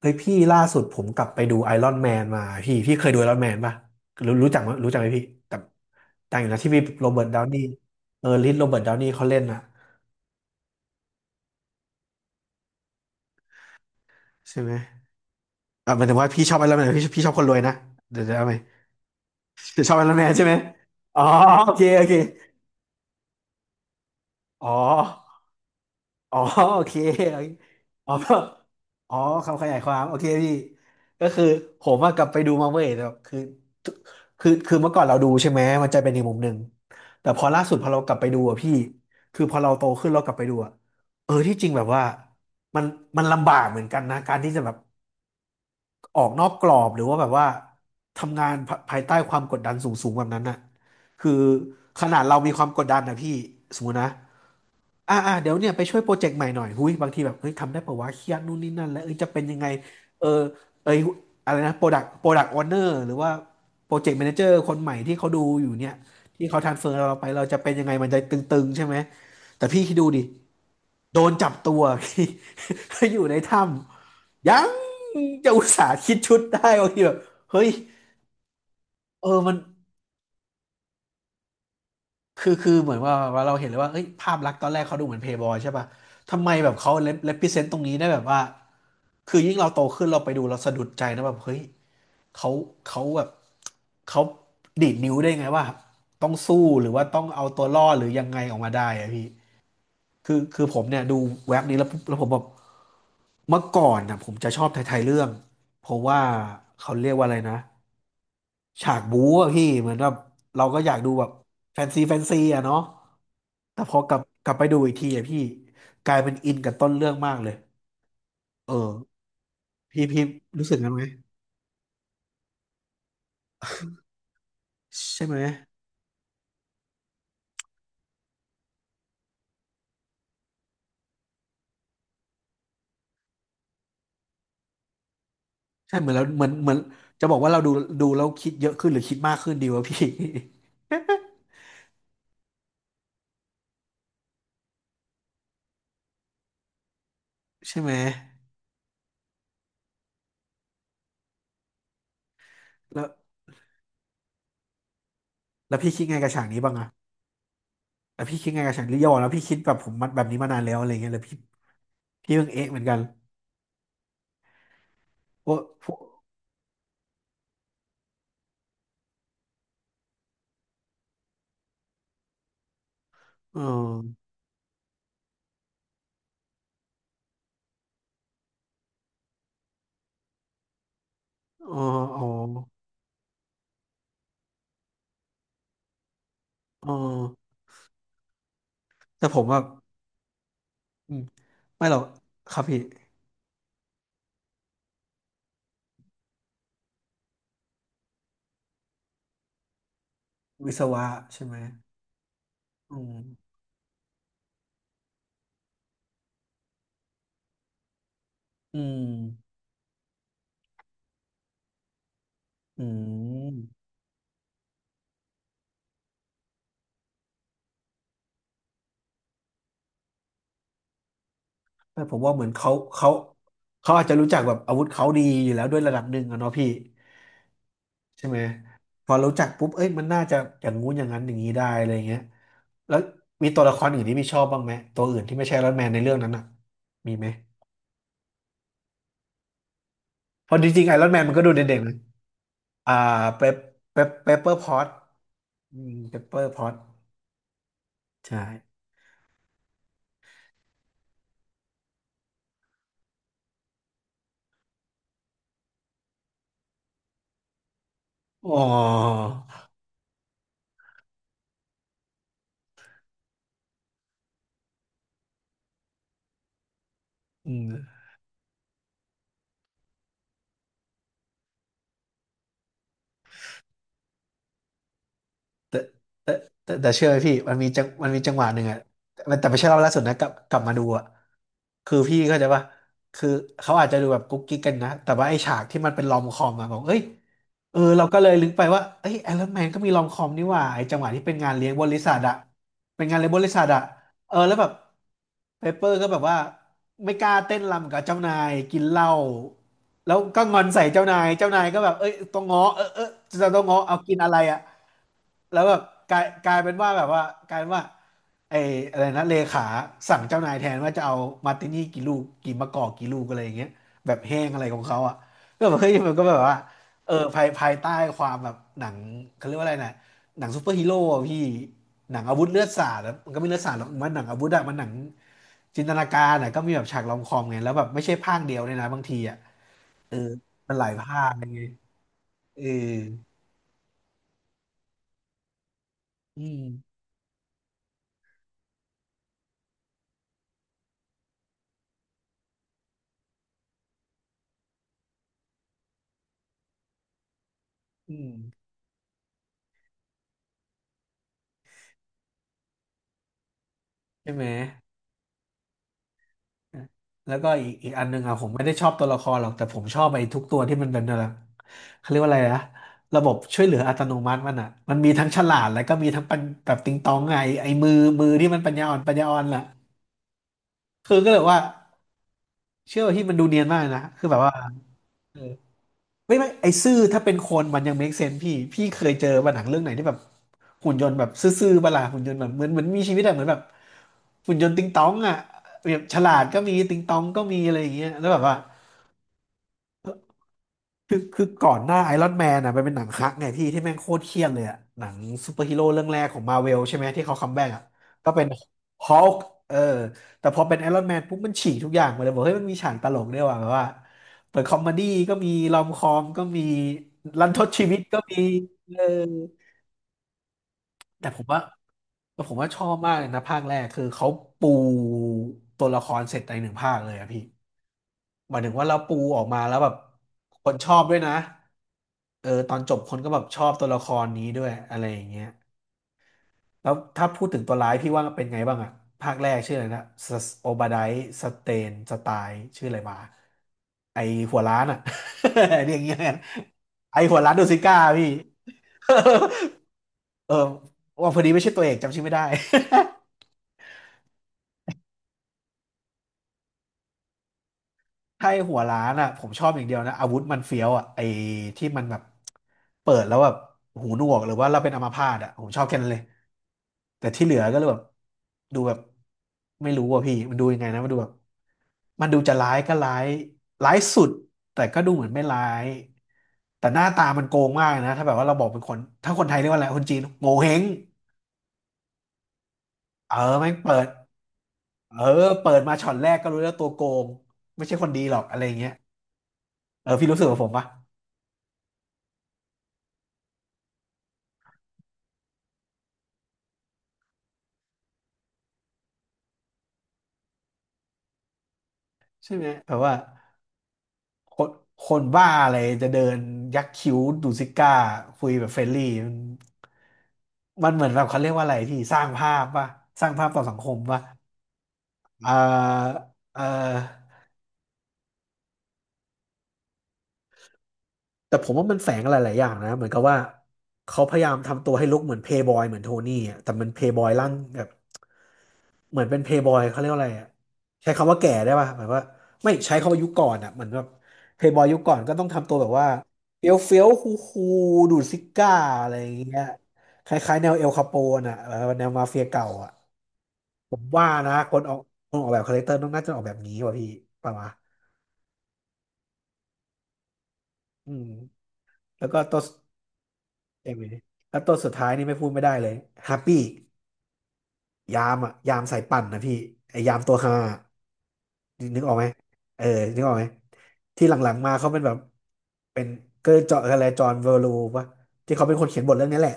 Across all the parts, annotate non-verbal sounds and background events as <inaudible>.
เฮ้ยพี่ล่าสุดผมกลับไปดูไอรอนแมนมาพี่เคยดูไอรอนแมนป่ะรู้จักมั้ยรู้จักไหมพี่กับต่างอยู่นะที่มีโรเบิร์ตดาวนี่เออลิโรเบิร์ตดาวนี่เขาเล่นน่ะใช่ไหมอ่ะหมายถึงว่าพี่ชอบไอรอนแมนพี่ชอบคนรวยนะเดี๋ยวเอาไหมชอบไอรอนแมนใช่ไหมอ๋อโอเคโอเคอ๋อ อ๋อโอเคโอเคอ๋ออ๋อคำขยายความโอเคพี่ก็คือผมว่ากลับไปดูมาเว้ยแต่คือคือเมื่อก่อนเราดูใช่ไหมมันจะเป็นอีกมุมหนึ่งแต่พอล่าสุดพอเรากลับไปดูอะพี่คือพอเราโตขึ้นเรากลับไปดูอะเออที่จริงแบบว่ามันมันลำบากเหมือนกันนะการที่จะแบบออกนอกกรอบหรือว่าแบบว่าทำงานภายใต้ความกดดันสูงๆแบบนั้นน่ะคือขนาดเรามีความกดดันนะพี่สมมตินะ เดี๋ยวเนี่ยไปช่วยโปรเจกต์ใหม่หน่อยหุ้ยบางทีแบบเฮ้ยทำได้ปะวะเครียดนู่นนี่นั่นแล้วเอ้ยจะเป็นยังไงเออเอ้ยอะไรนะโปรดักออเนอร์หรือว่าโปรเจกต์แมเนเจอร์คนใหม่ที่เขาดูอยู่เนี่ยที่เขาทรานสเฟอร์เราไปเราจะเป็นยังไงมันจะตึงๆใช่ไหมแต่พี่คิดดูดิโดนจับตัว <laughs> อยู่ในถ้ำยังจะอุตส่าห์คิดชุดได้บางทีแบบเฮ้ยเออมันคือเหมือนว่าเราเห็นเลยว่าเอ้ยภาพลักษณ์ตอนแรกเขาดูเหมือนเพย์บอยใช่ปะทำไมแบบเขาเล p เ e พ e เซนต์ตรงนี้ได้แบบว่า คือยิ่งเราโตขึ้นเราไปดูเราสะดุดใจนะแบบเฮ้ยเขาเขาแบบเขาดีดนิ้วได้ไงว่าต้องสู้หรือว่าต้องเอาตัวรอดหรือยังไงออกมาได้อะพี่คือผมเนี่ยดูเว็บนี้แล้วปุ๊บแล้วผมแบบเมื่อก่อนนะผมจะชอบไทยๆเรื่องเพราะว่าเขาเรียกว่าอะไรนะฉากบู๊อะพี่เหมือนแบบเราก็อยากดูแบบแฟนซีอะเนาะแต่พอกลับไปดูอีกทีอะพี่กลายเป็นอินกับต้นเรื่องมากเลยเออพี่รู้สึกงั้นไหมใช่ไหม ใช่เหมือนเราเหมือนจะบอกว่าเราดูแล้วคิดเยอะขึ้นหรือคิดมากขึ้นดีวะพี่ <laughs> ใช่ไหมแล้วแล้วพี่คิดไงกับฉากนี้บ้างอะแล้วพี่คิดไงกับฉากนี้ย่าบอกแล้วพี่คิดแบบผมมันแบบนี้มานานแล้วอะไรเงี้ยแล้วพี่เพิ่งเอ๊ะเหมือนกันโอ้พวกเออเอออ๋อเออแต่ผมว่าอืมไม่หรอกครับพี่วิศวะใช่ไหมอืมอืมอืมแต่ผมว่าเหมือนเขาเขาอาจจะรู้จักแบบอาวุธเขาดีอยู่แล้วด้วยระดับหนึ่งอะเนาะพี่ ใช่ไหมพอรู้จักปุ๊บเอ้ยมันน่าจะอย่างงู้นอย่างนั้นอย่างนี้ได้อะไรเงี้ยแล้วมีตัวละครอื่นที่พี่ชอบบ้างไหมตัวอื่นที่ไม่ใช่ไอรอนแมนในเรื่องนั้นอ่ะมีไหมเพราะจริงๆไอรอนแมนมันก็ดูเด่นๆนะอ่าเปปเปปเปอร์พอตอืมเปปเปอร์พอตใช่อ๋ออืม แต่แต่แต่เชื่อไหมพี่มันมีจังมันมีจังหวะหนึ่งอะแต่ไม่ใช่รอบล่าสุดนะกลับมาดูอะคือพี่เข้าใจป่ะคือเขาอาจจะดูแบบกุ๊กกิ๊กกันนะแต่ว่าไอ้ฉากที่มันเป็นลอมคอมอะบอกเอ้ยเออเราก็เลยลึกไปว่าเอ้ยไอรอนแมนก็มีลอมคอมนี่หว่าไอ้จังหวะที่เป็นงานเลี้ยงบริษัทอะเป็นงานเลี้ยงบริษัทอะเออแล้วแบบเปเปอร์ก็แบบว่าไม่กล้าเต้นรำกับเจ้านายกินเหล้าแล้วก็งอนใส่เจ้านายเจ้านายก็แบบเอ้ยต้องง้อเออเออจะต้องง้อเอากินอะไรอะ แล้วแบบกลายเป็นว่าแบบว่ากลายเป็นว่าไอ้อะไรนะเลขาสั่งเจ้านายแทนว่าจะเอามาร์ตินี่กี่ลูกกี่มะกอกกี่ลูกอะไรอย่างเงี้ยแบบแห้งอะไรของเขาอ่ะก็แบบเฮ้ยมันก็แบบว่าเออภายใต้ความแบบหนังเขาเรียกว่าอะไรนะหนังซูเปอร์ฮีโร่อะพี่หนังอาวุธเลือดสาดอะมันก็ไม่เลือดสาดหรอกมันหนังอาวุธอะมันหนังจินตนาการอะก็มีแบบฉากรอมคอมไงแล้วแบบไม่ใช่ภาคเดียวเลยนะบางทีอ่ะเออมันหลายภาคอะไรเงี้ยเอออืมอืมใช่ไหม แล้วก็อีกอันหนึ่งอ่ะผมไม่ได้ชอบตัวละครหรอกแต่ผมชอบไอ้ทุกตัวที่มันเป็นอะไรเขาเรียกว่าอะไรนะระบบช่วยเหลืออัตโนมัติมันอ่ะมันมีทั้งฉลาดแล้วก็มีทั้งปัญแบบติงตองไงไอ้มือที่มันปัญญาอ่อนแหละคือก็เลยว่าเชื่อว่าที่มันดูเนียนมากนะคือแบบว่าเออไม่ไอ้ซื่อถ้าเป็นคนมันยัง make sense พี่เคยเจอป่ะหนังเรื่องไหนที่แบบหุ่นยนต์แบบซื่อๆประหลาดหุ่นยนต์แบบเหมือนมีชีวิตอะเหมือนแบบหุ่นยนต์ติงตองอ่ะแบบฉลาดก็มีติงตองก็มีอะไรอย่างเงี้ยแล้วแบบว่า คือก่อนหน้าไอรอนแมนอ่ะมันเป็นหนังคักไงพี่ที่แม่งโคตรเครียดเลยอ่ะหนังซูเปอร์ฮีโร่เรื่องแรกของมาเวลใช่ไหมที่เขาคัมแบ็กอ่ะก็เป็นฮอ l กเออแต่พอเป็นไอรอนแมนปุ๊บมันฉีกทุกอย่างมาเลยบอกเฮ้ยมันมีฉากตลกด้วยว่ะแบบว่าเปิดคอมเมดี้ก็มีรอมคอมก็มีรันทดชีวิตก็มีเออแต่ผมว่าแต่ผมว่าชอบมากเลยนะภาคแรกคือเขาปูตัวละครเสร็จในหนึ่งภาคเลยอะพี่ หมายถึงว่าเราปูออกมาแล้วแบบคนชอบด้วยนะ เออตอนจบคนก็แบบชอบตัวละครนี้ด้วยอะไรอย่างเงี้ยแล้วถ้าพูดถึงตัวร้ายพี่ว่าเป็นไงบ้างอะภาคแรกชื่ออะไรนะโอบาไดสเตนสไตล์ชื่ออะไรมาไอหัวล้านอะ <laughs> เรียกอย่างเงี้ยกันไอหัวล้านดูซิก้าพี่ <laughs> เออว่าพอดีไม่ใช่ตัวเอกจำชื่อไม่ได้ <laughs> ใช่หัวร้านอ่ะผมชอบอย่างเดียวนะอาวุธมันเฟี้ยวอ่ะไอ้ที่มันแบบเปิดแล้วแบบหูหนวกหรือว่าเราเป็นอัมพาตอ่ะผมชอบแค่นั้นเลยแต่ที่เหลือก็เลยแบบดูแบบไม่รู้อ่ะพี่มันดูยังไงนะมันดูแบบมันดูจะร้ายก็ร้ายร้ายสุดแต่ก็ดูเหมือนไม่ร้ายแต่หน้าตามันโกงมากนะถ้าแบบว่าเราบอกเป็นคนถ้าคนไทยเรียกว่าอะไรคนจีนโงเห้งเออแม่งเปิดเออเปิดมาช็อตแรกก็รู้แล้วตัวโกงไม่ใช่คนดีหรอกอะไรอย่างเงี้ยเออพี่รู้สึกกับผมปะใช่ไหมแบบว่า คนคนบ้าอะไรจะเดินยักคิ้วดูซิก้าคุยแบบเฟรนลี่มันเหมือนแบบเขาเรียกว่าอะไรที่สร้างภาพป่ะสร้างภาพต่อสังคมป่ะเอ่อเอ่อแต่ผมว่ามันแฝงอะไรหลายๆอย่างนะเหมือนกับว่าเขาพยายามทำตัวให้ลุกเหมือนเพย์บอยเหมือนโทนี่อะแต่มันเพย์บอยร่างแบบ เหมือนเป็นเพย์บอยเขาเรียกว่าอะไรอ่ะใช้คำว่าแก่ได้ป่ะหมายว่าไม่ใช้คำว่ายุคก่อนอ่ะเหมือนแบบเพย์บอยยุคก่อนก็ต้องทำตัวแบบว่าเฟี้ยวเฟี้ยวคูคูดูดซิก้าอะไรอย่างเงี้ยคล้ายๆแนวเอลคาโปนอ่ะเออแนวมาเฟียเก่าอ่ะผมว่านะคนออกแบบคาแรคเตอร์ต้องน่าจะออกแบบนี้ว่ะพี่ประมาณอืมแล้วก็ตัวเอ็มวีแล้วตัวสุดท้ายนี่ไม่พูดไม่ได้เลยแฮปปี้ ยามอ่ะยามสายปั่นนะพี่ไอยามตัวฮานึกออกไหมเออนึกออกไหมที่หลังๆมาเขาเป็นแบบเป็นเกอร์จออะไรจอห์นเวอร์ลูปะที่เขาเป็นคนเขียนบทเรื่องนี้แหละ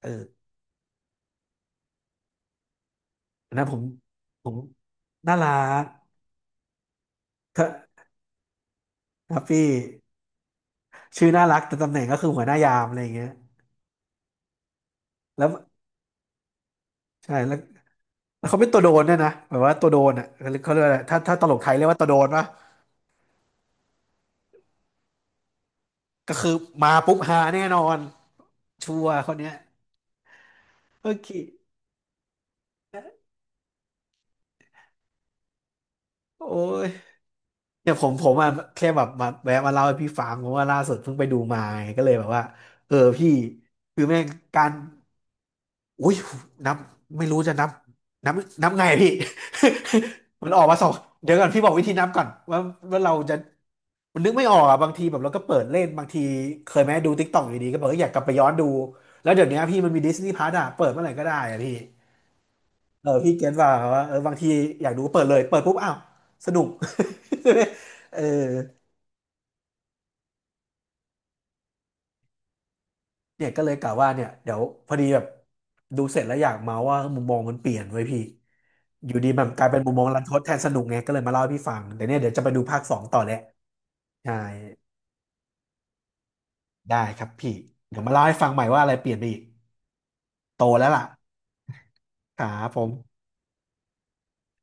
เอออันนั้นผมน่ารักถ้ครับพี่ชื่อน่ารักแต่ตำแหน่งก็คือหัวหน้ายามอะไรอย่างเงี้ยแล้วใช่แล้วแล้วเขาเป็นตัวโดนด้วยนะแบบว่าตัวโดนอ่ะเขาเรียกว่าอะไรถ้าตลกไทยเรียกว่าตัวโดนปะก็คือมาปุ๊บหาแน่นอนชัวร์คนเนี้ยโอเคโอ้ย เนี่ยผมอะแค่แบบมาแวะมาเล่าให้พี่ฟังเพราะว่าล่าสุดเพิ่งไปดูมาไงก็เลยแบบว่าเออพี่คือแม่งการอุ้ยนับไม่รู้จะนับนับนับไงอะพี่ <laughs> มันออกมาสองเดี๋ยวก่อนพี่บอกวิธีนับก่อนว่าเราจะมันนึกไม่ออกอ่ะบางทีแบบเราก็เปิดเล่นบางทีเคยไหมดูติ๊กต็อกอยู่ดีก็บอกว่าอยากกลับไปย้อนดูแล้วเดี๋ยวนี้พี่มันมีดิสนีย์พลัสอ่ะเปิดเมื่อไหร่ก็ได้อ่ะพี่เออพี่เก็ตว่าเออบางทีอยากดูเปิดเลยเปิดปุ๊บอ้าวสนุก <laughs> ใช่ไหมเออ เนี่ยก็เลยกะว่าเนี่ยเดี๋ยวพอดีแบบดูเสร็จแล้วอยากเมาว่ามุมมองมันเปลี่ยนไว้ยพี่อยู่ดีแบบกลายเป็นมุมมองรันทดแทนสนุกไงก็เลยมาเล่าให้พี่ฟังเดี๋ยวเนี่ยเดี๋ยวจะไปดูภาคสองต่อแหละใช่ได้ครับพี่เดี๋ยวมาเล่าให้ฟังใหม่ว่าอะไรเปลี่ยนไปอีกโตแล้วล่ะครับผม